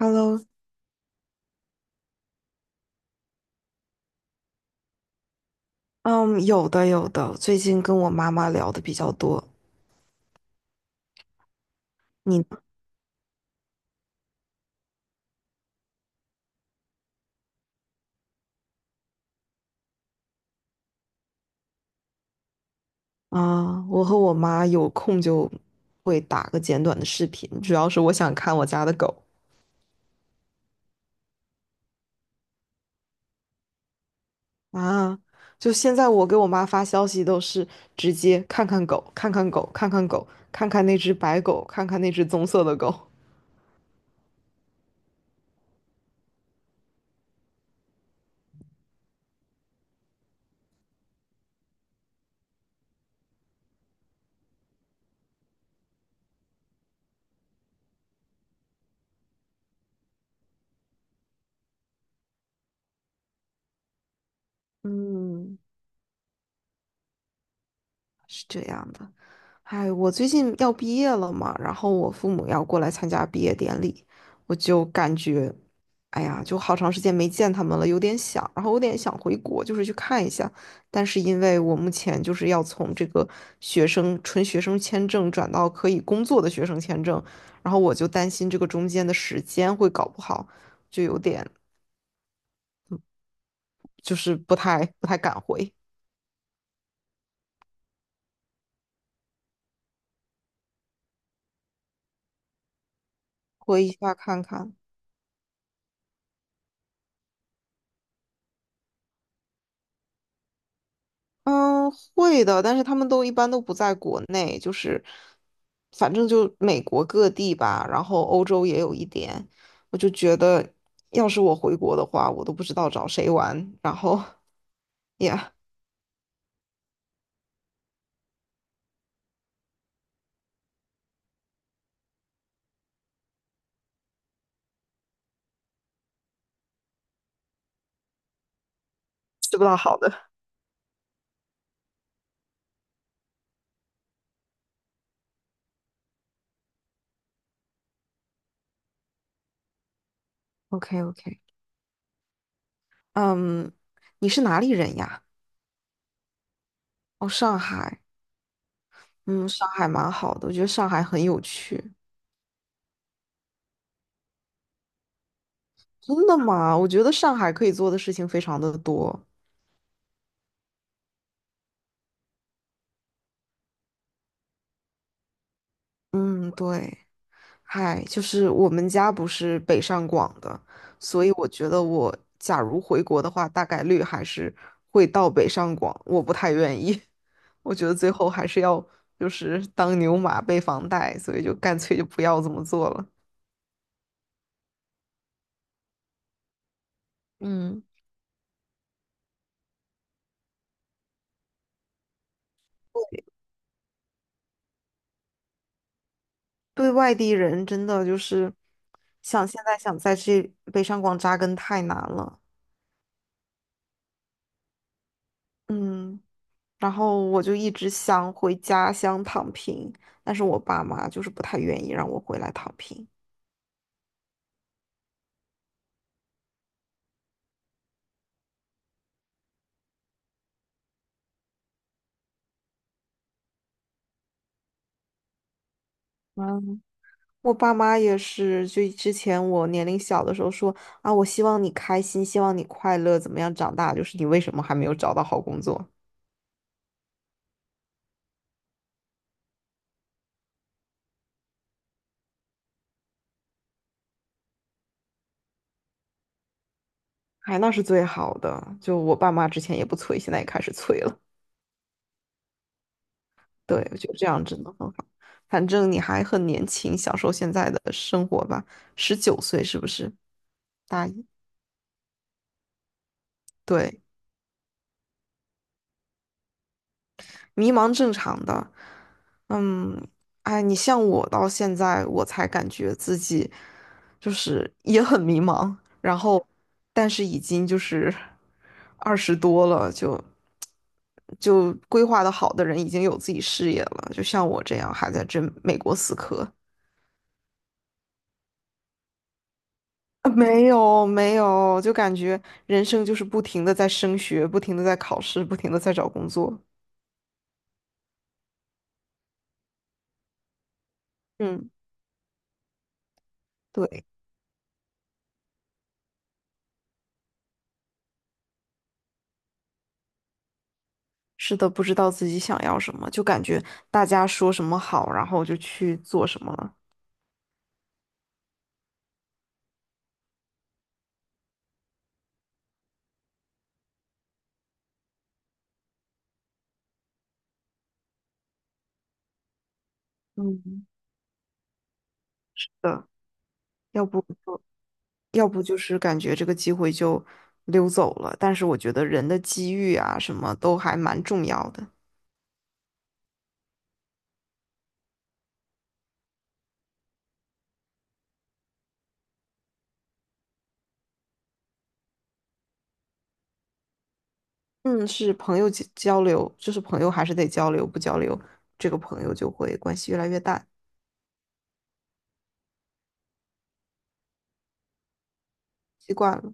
Hello，嗯，有的有的，最近跟我妈妈聊的比较多。你呢？啊，我和我妈有空就会打个简短的视频，主要是我想看我家的狗啊。就现在我给我妈发消息都是直接看看狗，看看狗，看看狗，看看那只白狗，看看那只棕色的狗。嗯。是这样的。哎，我最近要毕业了嘛，然后我父母要过来参加毕业典礼，我就感觉，哎呀，就好长时间没见他们了，有点想，然后有点想回国，就是去看一下。但是因为我目前就是要从这个学生纯学生签证转到可以工作的学生签证，然后我就担心这个中间的时间会搞不好，就有点就是不太敢回，回一下看看。嗯，会的，但是他们都一般都不在国内，就是反正就美国各地吧，然后欧洲也有一点。我就觉得，要是我回国的话，我都不知道找谁玩，然后也 吃不到好的。OK OK，嗯，你是哪里人呀？哦，上海。嗯，上海蛮好的，我觉得上海很有趣。真的吗？我觉得上海可以做的事情非常的多。嗯，对。嗨，就是我们家不是北上广的，所以我觉得我假如回国的话，大概率还是会到北上广。我不太愿意，我觉得最后还是要就是当牛马背房贷，所以就干脆就不要这么做了。嗯，对外地人真的就是想现在想在这北上广扎根太难了。嗯，然后我就一直想回家乡躺平，但是我爸妈就是不太愿意让我回来躺平。嗯。我爸妈也是，就之前我年龄小的时候说啊，我希望你开心，希望你快乐，怎么样长大？就是你为什么还没有找到好工作？哎，那是最好的。就我爸妈之前也不催，现在也开始催了。对，我觉得这样真的很好。反正你还很年轻，享受现在的生活吧。19岁是不是？大一，对，迷茫正常的。嗯，哎，你像我到现在，我才感觉自己就是也很迷茫，然后但是已经就是20多了，就就规划的好的人已经有自己事业了，就像我这样还在这美国死磕。啊没有没有，就感觉人生就是不停的在升学，不停的在考试，不停的在找工作。嗯，对。是的，不知道自己想要什么，就感觉大家说什么好，然后就去做什么了。嗯，是的，要不就要不就是感觉这个机会就溜走了。但是我觉得人的机遇啊，什么都还蛮重要的。嗯，是朋友交交流，就是朋友还是得交流，不交流，这个朋友就会关系越来越淡，习惯了，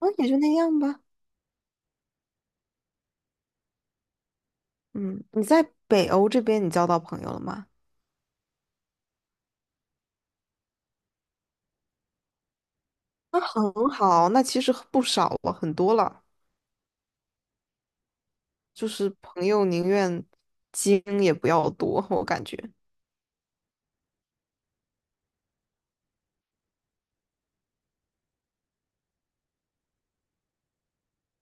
嗯，也就那样吧。嗯，你在北欧这边你交到朋友了吗？那很好，那其实不少了，很多了。就是朋友宁愿精也不要多，我感觉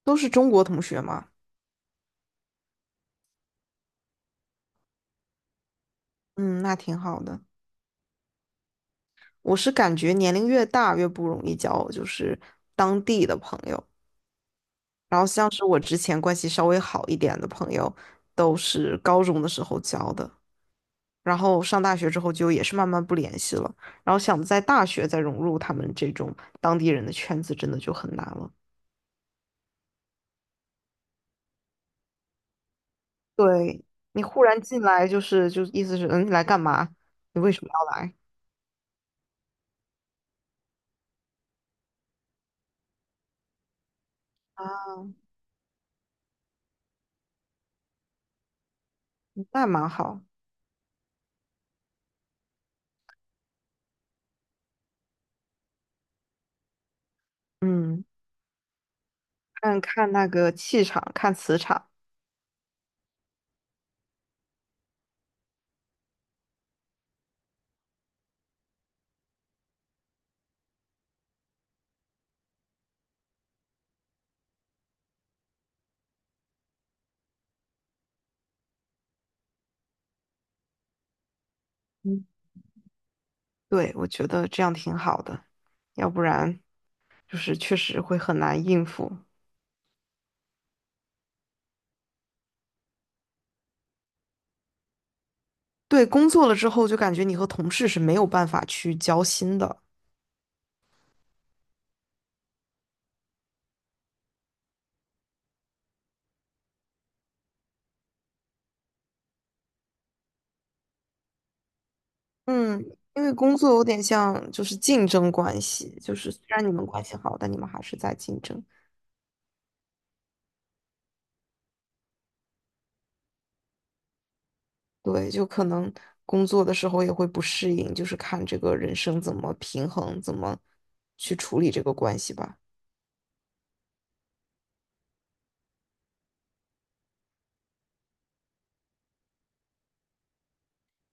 都是中国同学嘛，嗯，那挺好的。我是感觉年龄越大越不容易交，就是当地的朋友。然后像是我之前关系稍微好一点的朋友，都是高中的时候交的，然后上大学之后就也是慢慢不联系了。然后想在大学再融入他们这种当地人的圈子，真的就很难了。对，你忽然进来，就是就意思是，嗯，你来干嘛？你为什么要来？那蛮好。嗯，看看那个气场，看磁场。嗯，对，我觉得这样挺好的，要不然就是确实会很难应付。对，工作了之后就感觉你和同事是没有办法去交心的。嗯，因为工作有点像就是竞争关系，就是虽然你们关系好，但你们还是在竞争。对，就可能工作的时候也会不适应，就是看这个人生怎么平衡，怎么去处理这个关系吧。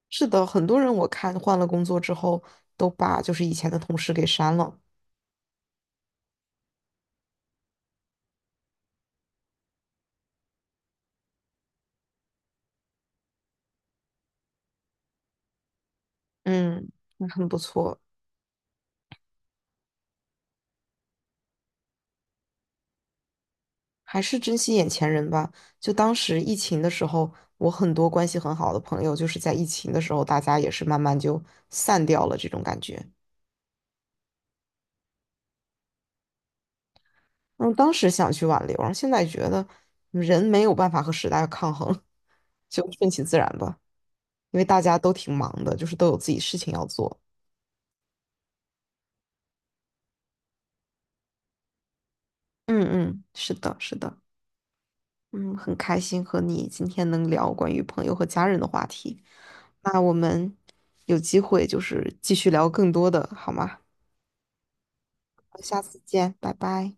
是的，很多人我看换了工作之后，都把就是以前的同事给删了。嗯，那很不错，还是珍惜眼前人吧。就当时疫情的时候，我很多关系很好的朋友，就是在疫情的时候，大家也是慢慢就散掉了这种感觉。嗯，当时想去挽留，然后现在觉得人没有办法和时代抗衡，就顺其自然吧。因为大家都挺忙的，就是都有自己事情要做。嗯嗯，是的，是的。嗯，很开心和你今天能聊关于朋友和家人的话题。那我们有机会就是继续聊更多的，好吗？下次见，拜拜。